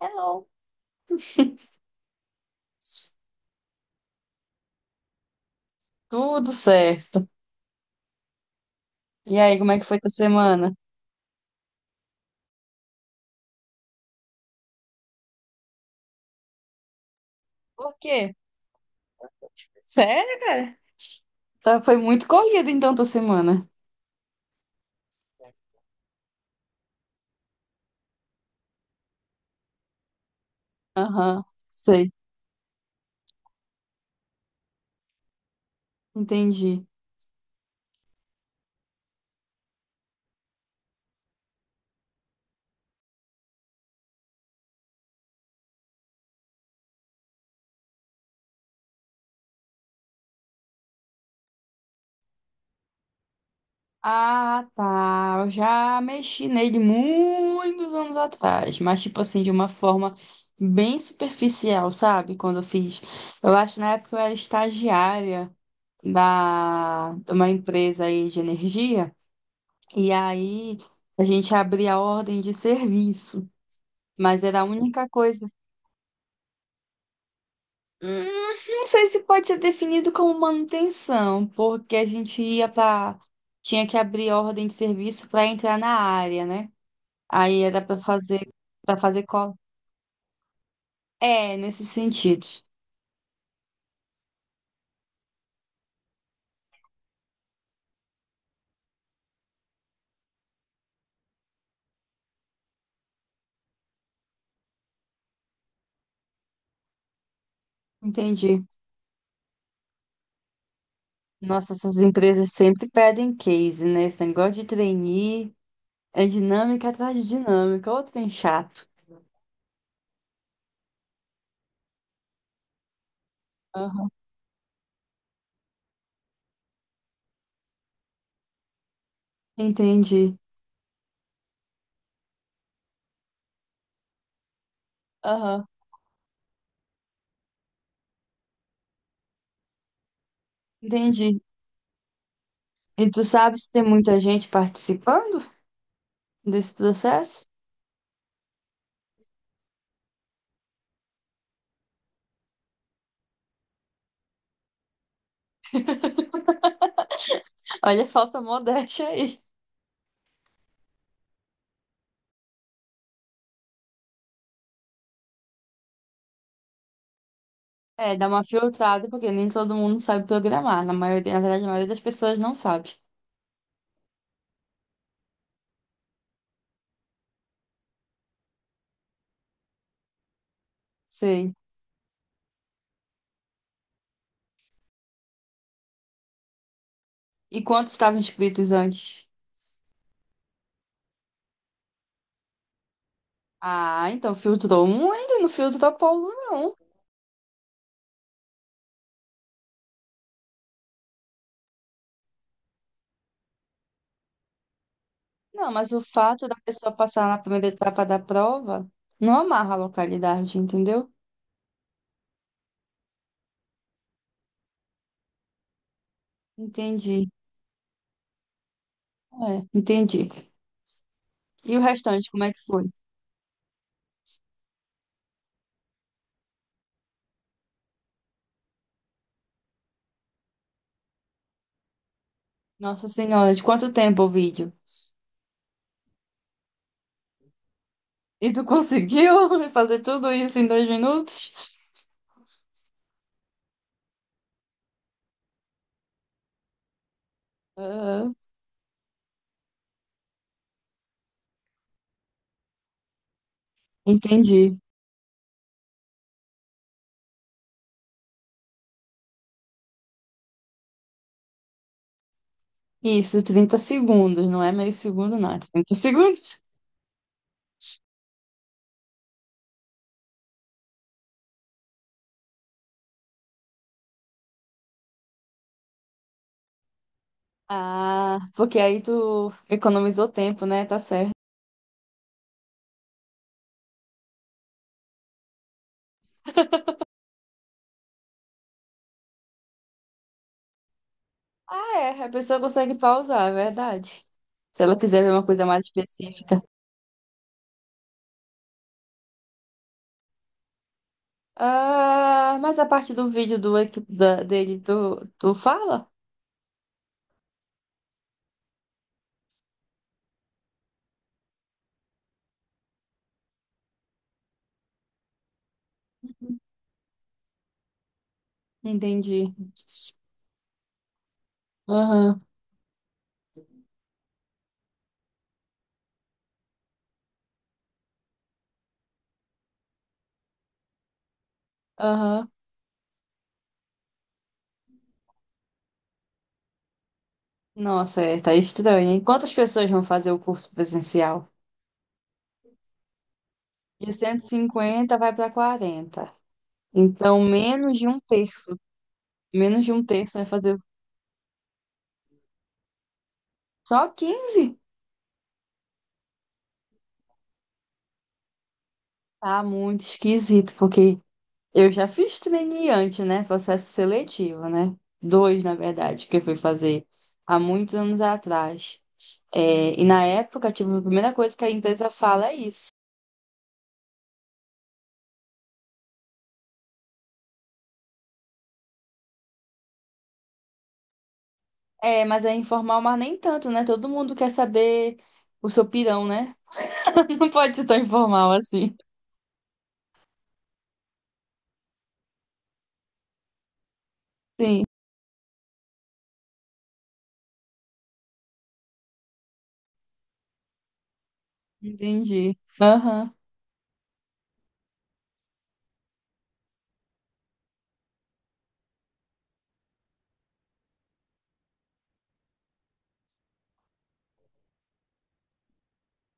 Hello. Tudo certo. E aí, como é que foi tua semana? Por quê? Sério, cara? Tá, foi muito corrida então tua semana. Aham, sei, entendi. Ah, tá. Eu já mexi nele muitos anos atrás, mas tipo assim, de uma forma bem superficial, sabe? Quando eu fiz. Eu acho que na época eu era estagiária da... de uma empresa aí de energia, e aí a gente abria a ordem de serviço, mas era a única coisa. Hum, Não sei se pode ser definido como manutenção, porque a gente ia para. Tinha que abrir ordem de serviço para entrar na área, né? Aí era para fazer cola. É, nesse sentido. Entendi. Nossa, essas empresas sempre pedem case, né? Esse negócio de trainee é dinâmica atrás de dinâmica. Ô, trem chato. Aham, entendi. Aham, entendi. E tu sabe se tem muita gente participando desse processo? Olha a falsa modéstia aí. É, dá uma filtrada, porque nem todo mundo sabe programar. Na maioria, na verdade, a maioria das pessoas não sabe. Sei. E quantos estavam inscritos antes? Ah, então filtrou muito, e não filtrou povo, não. Não, mas o fato da pessoa passar na primeira etapa da prova não amarra a localidade, entendeu? Entendi. É, entendi. E o restante, como é que foi? Nossa Senhora, de quanto tempo o vídeo? E tu conseguiu fazer tudo isso em dois minutos? Ah, entendi. Isso, 30 segundos, não é meio segundo, não, é 30 segundos. Ah, porque aí tu economizou tempo, né? Tá certo. Ah, é, a pessoa consegue pausar, é verdade. Se ela quiser ver uma coisa mais específica. Ah, mas a parte do vídeo do equi- da- dele, tu, tu fala? Entendi. Aham, aham. Nossa, é, tá estranho, hein? Quantas pessoas vão fazer o curso presencial? E o 150 vai para 40. Então, menos de um terço. Menos de um terço vai fazer. Só quinze. Tá muito esquisito, porque eu já fiz antes, né? Processo seletivo, né? Dois, na verdade, que eu fui fazer há muitos anos atrás. É, e na época, tipo, a primeira coisa que a empresa fala é isso. É, mas é informal, mas nem tanto, né? Todo mundo quer saber o seu pirão, né? Não pode ser tão informal assim. Sim, entendi. Aham.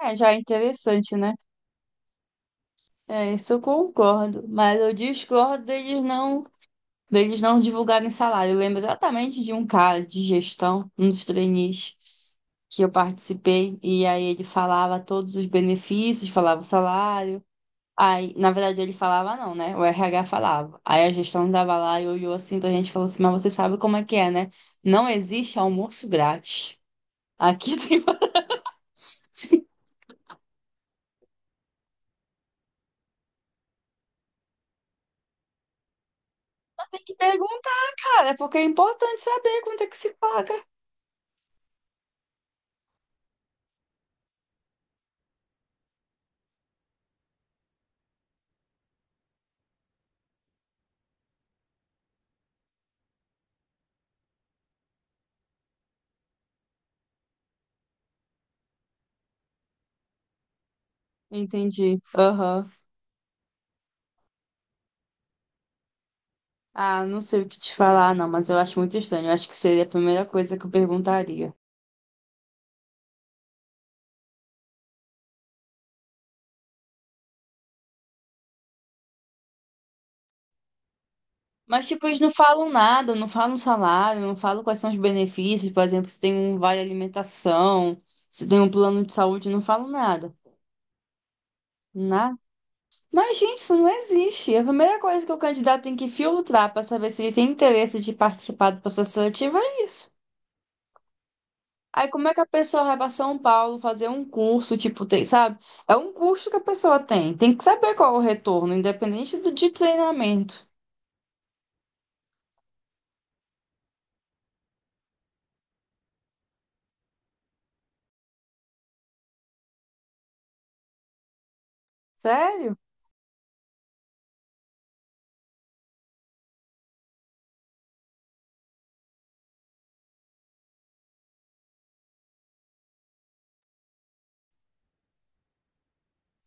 É, já é interessante, né? É, isso eu concordo. Mas eu discordo deles não. deles não divulgarem salário. Eu lembro exatamente de um cara de gestão, um dos trainees que eu participei, e aí ele falava todos os benefícios, falava o salário. Aí, na verdade, ele falava não, né? O RH falava. Aí a gestão dava lá e olhou assim pra gente e falou assim: Mas você sabe como é que é, né? Não existe almoço grátis. Aqui tem. Você tem que perguntar, é porque é importante saber quanto é que se paga. Entendi. Aham. Ah, não sei o que te falar, não, mas eu acho muito estranho. Eu acho que seria a primeira coisa que eu perguntaria. Mas, tipo, eles não falam nada, não falam salário, não falam quais são os benefícios, por exemplo, se tem um vale alimentação, se tem um plano de saúde, não falam nada. Nada. Mas, gente, isso não existe. A primeira coisa que o candidato tem que filtrar para saber se ele tem interesse de participar do processo seletivo é isso. Aí como é que a pessoa vai para São Paulo fazer um curso, tipo, tem, sabe? É um curso que a pessoa tem. Tem que saber qual é o retorno, independente do de treinamento. Sério?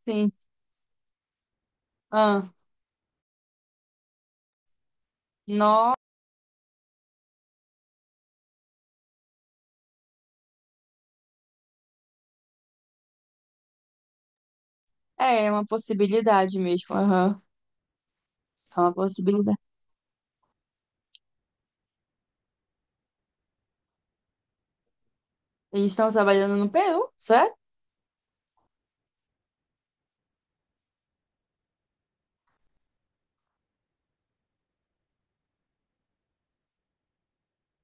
Sim. Ah, nó. É, é uma possibilidade mesmo. Aham. É uma possibilidade. Eles estão trabalhando no Peru, certo?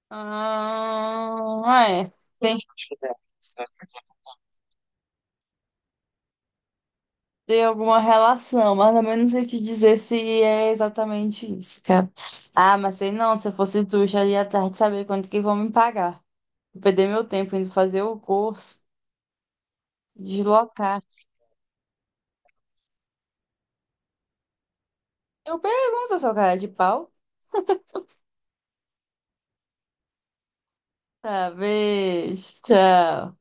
Ah, é. Tem que ter alguma relação, mas também não sei te dizer se é exatamente isso, cara. Ah, mas sei não, se eu fosse tu, já iria atrás de saber quanto que vão me pagar. Vou perder meu tempo indo fazer o curso, deslocar. Eu pergunto, seu cara de pau. Talvez tchau.